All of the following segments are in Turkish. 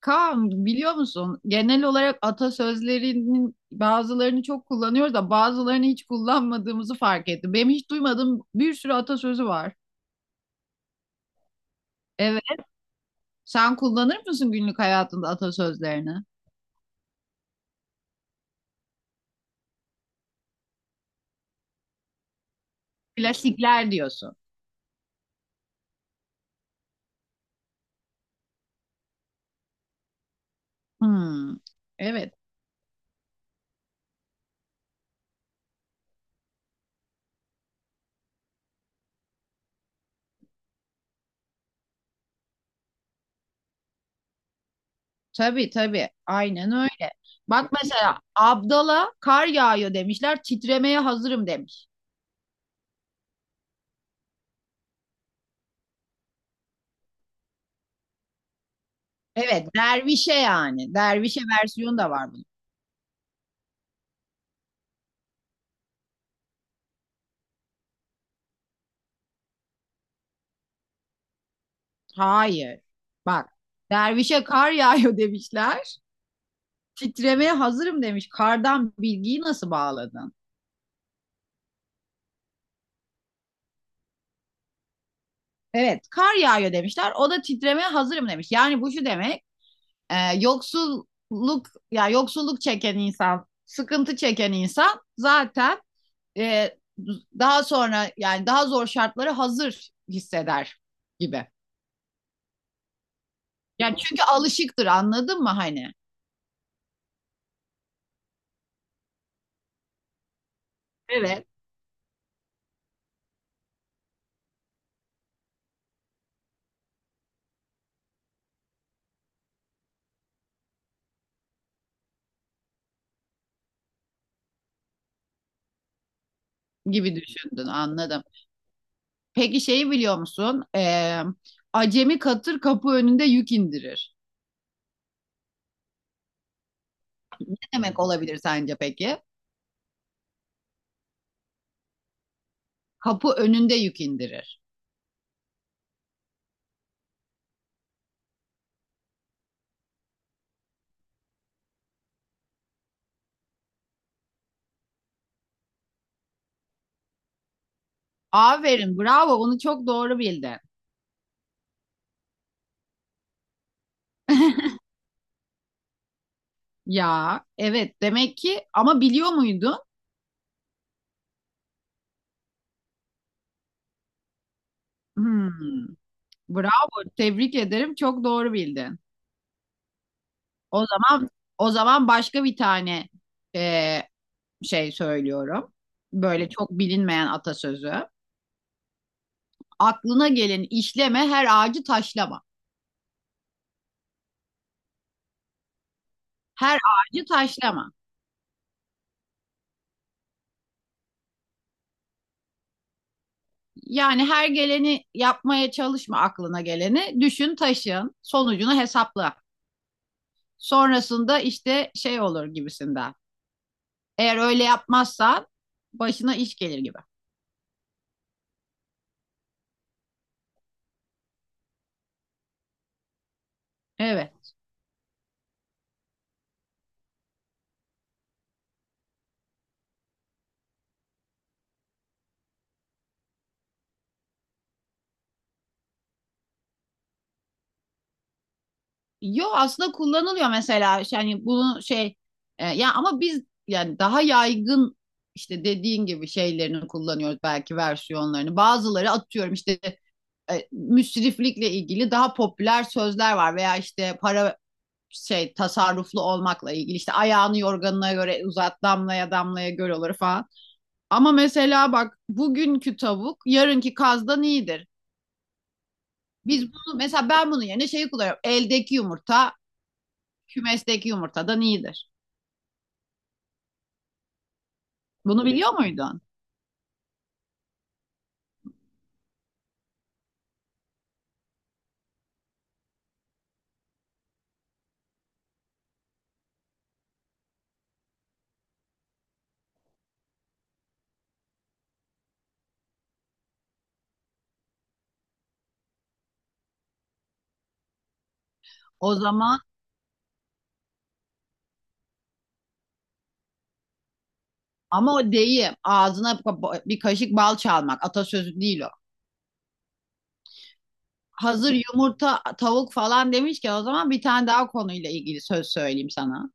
Kaan biliyor musun? Genel olarak atasözlerinin bazılarını çok kullanıyoruz da bazılarını hiç kullanmadığımızı fark ettim. Benim hiç duymadığım bir sürü atasözü var. Evet. Sen kullanır mısın günlük hayatında atasözlerini? Klasikler diyorsun. Hmm. Evet. Tabii tabii. Aynen öyle. Bak mesela Abdal'a kar yağıyor demişler. Titremeye hazırım demiş. Evet. Dervişe yani. Dervişe versiyonu da var bunun. Hayır. Bak, dervişe kar yağıyor demişler. Titremeye hazırım demiş. Kardan bilgiyi nasıl bağladın? Evet, kar yağıyor demişler. O da titremeye hazırım demiş. Yani bu şu demek, yoksulluk ya yoksulluk çeken insan, sıkıntı çeken insan zaten e, daha sonra yani daha zor şartlara hazır hisseder gibi. Yani çünkü alışıktır, anladın mı hani? Evet. Gibi düşündün, anladım. Peki şeyi biliyor musun? Acemi katır kapı önünde yük indirir. Ne demek olabilir sence peki? Kapı önünde yük indirir. Aferin, bravo. Bunu çok doğru bildin. Ya, evet. Demek ki ama biliyor muydun? Hmm, bravo. Tebrik ederim. Çok doğru bildin. O zaman o zaman başka bir tane ee, şey söylüyorum. Böyle çok bilinmeyen atasözü. Aklına gelin işleme her ağacı taşlama. Her ağacı taşlama. Yani her geleni yapmaya çalışma aklına geleni. Düşün, taşın, sonucunu hesapla. Sonrasında işte şey olur gibisinden. Eğer öyle yapmazsan başına iş gelir gibi. Evet. Yo aslında kullanılıyor mesela yani bunu şey ya ama biz yani daha yaygın işte dediğin gibi şeylerini kullanıyoruz belki versiyonlarını. Bazıları atıyorum işte müsriflikle ilgili daha popüler sözler var veya işte para şey tasarruflu olmakla ilgili işte ayağını yorganına göre uzat damlaya damlaya göl olur falan. Ama mesela bak bugünkü tavuk yarınki kazdan iyidir. Biz bunu mesela ben bunun yerine şeyi kullanıyorum. Eldeki yumurta kümesteki yumurtadan iyidir. Bunu biliyor muydun? O zaman ama o deyim ağzına bir kaşık bal çalmak atasözü değil o. Hazır yumurta tavuk falan demişken o zaman bir tane daha konuyla ilgili söz söyleyeyim sana.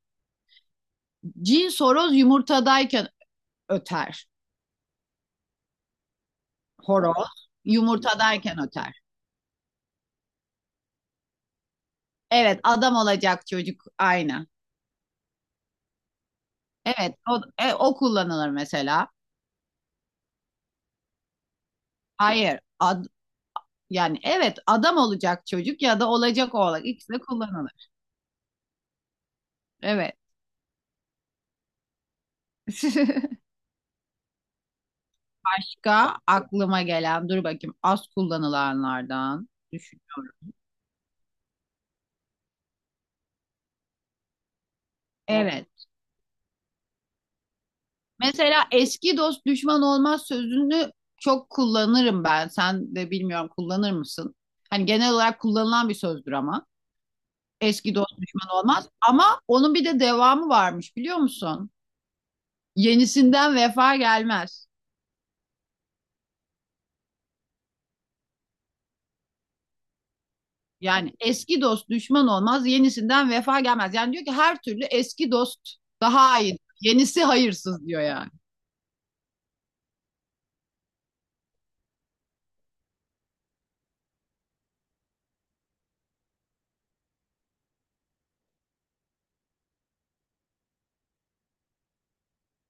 Cin soroz yumurtadayken öter. Horoz yumurta derken öter. Evet adam olacak çocuk aynı. Evet o, o kullanılır mesela. Hayır ad- Yani evet adam olacak çocuk ya da olacak oğlak ikisi de kullanılır. Evet. Başka aklıma gelen dur bakayım az kullanılanlardan düşünüyorum. Evet. Mesela eski dost düşman olmaz sözünü çok kullanırım ben. Sen de bilmiyorum kullanır mısın? Hani genel olarak kullanılan bir sözdür ama. Eski dost düşman olmaz. Ama onun bir de devamı varmış biliyor musun? Yenisinden vefa gelmez. Yani eski dost düşman olmaz, yenisinden vefa gelmez. Yani diyor ki her türlü eski dost daha iyi. Yenisi hayırsız diyor yani.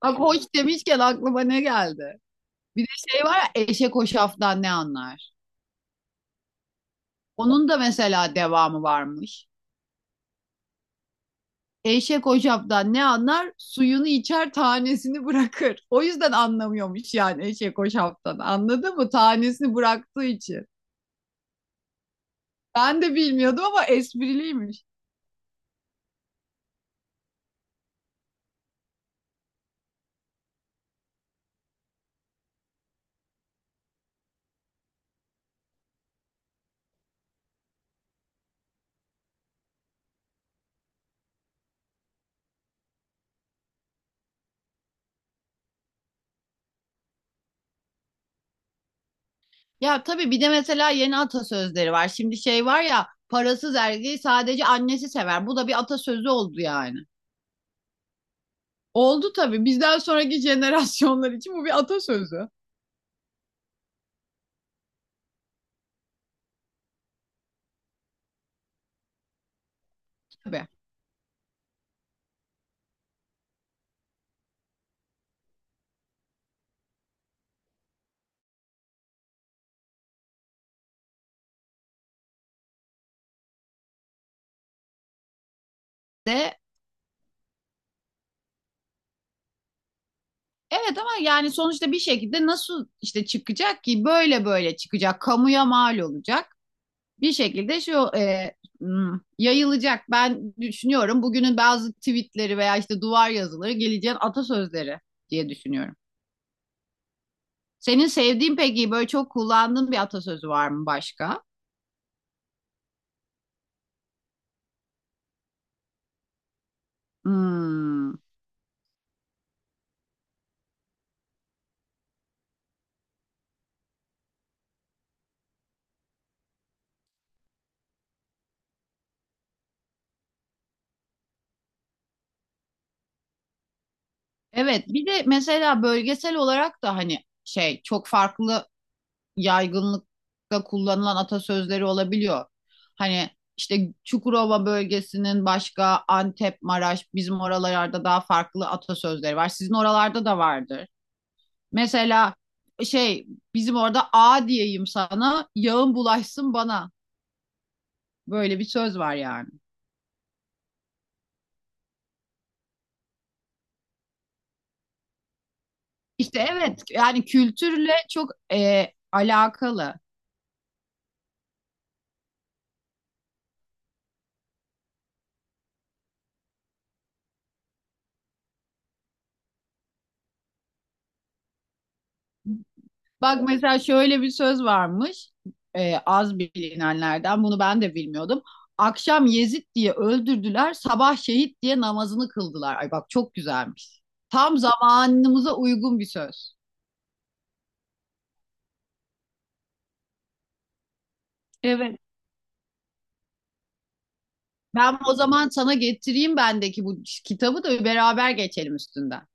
Bak hoş demişken aklıma ne geldi? Bir de şey var ya eşek hoşaftan ne anlar? Onun da mesela devamı varmış. Eşek hoşaftan ne anlar? Suyunu içer, tanesini bırakır. O yüzden anlamıyormuş yani eşek hoşaftan. Anladın mı? Tanesini bıraktığı için. Ben de bilmiyordum ama espriliymiş. Ya tabii bir de mesela yeni atasözleri var. Şimdi şey var ya, parasız erkeği sadece annesi sever. Bu da bir atasözü oldu yani. Oldu tabii. Bizden sonraki jenerasyonlar için bu bir atasözü. Tabii. De Evet ama yani sonuçta bir şekilde nasıl işte çıkacak ki böyle çıkacak kamuya mal olacak. Bir şekilde şu hmm, yayılacak. Ben düşünüyorum bugünün bazı tweetleri veya işte duvar yazıları geleceğin atasözleri diye düşünüyorum. Senin sevdiğin peki böyle çok kullandığın bir atasözü var mı başka? Hmm. Evet, bir de mesela bölgesel olarak da hani şey çok farklı yaygınlıkta kullanılan atasözleri olabiliyor. Hani işte Çukurova bölgesinin başka Antep, Maraş, bizim oralarda daha farklı atasözleri var. Sizin oralarda da vardır. Mesela şey bizim orada A diyeyim sana, yağın bulaşsın bana. Böyle bir söz var yani. İşte evet yani kültürle çok alakalı. Bak mesela şöyle bir söz varmış az bilinenlerden bunu ben de bilmiyordum. Akşam Yezid diye öldürdüler, sabah şehit diye namazını kıldılar. Ay bak çok güzelmiş. Tam zamanımıza uygun bir söz. Evet. Ben o zaman sana getireyim bendeki bu kitabı da beraber geçelim üstünden.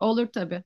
Olur tabii.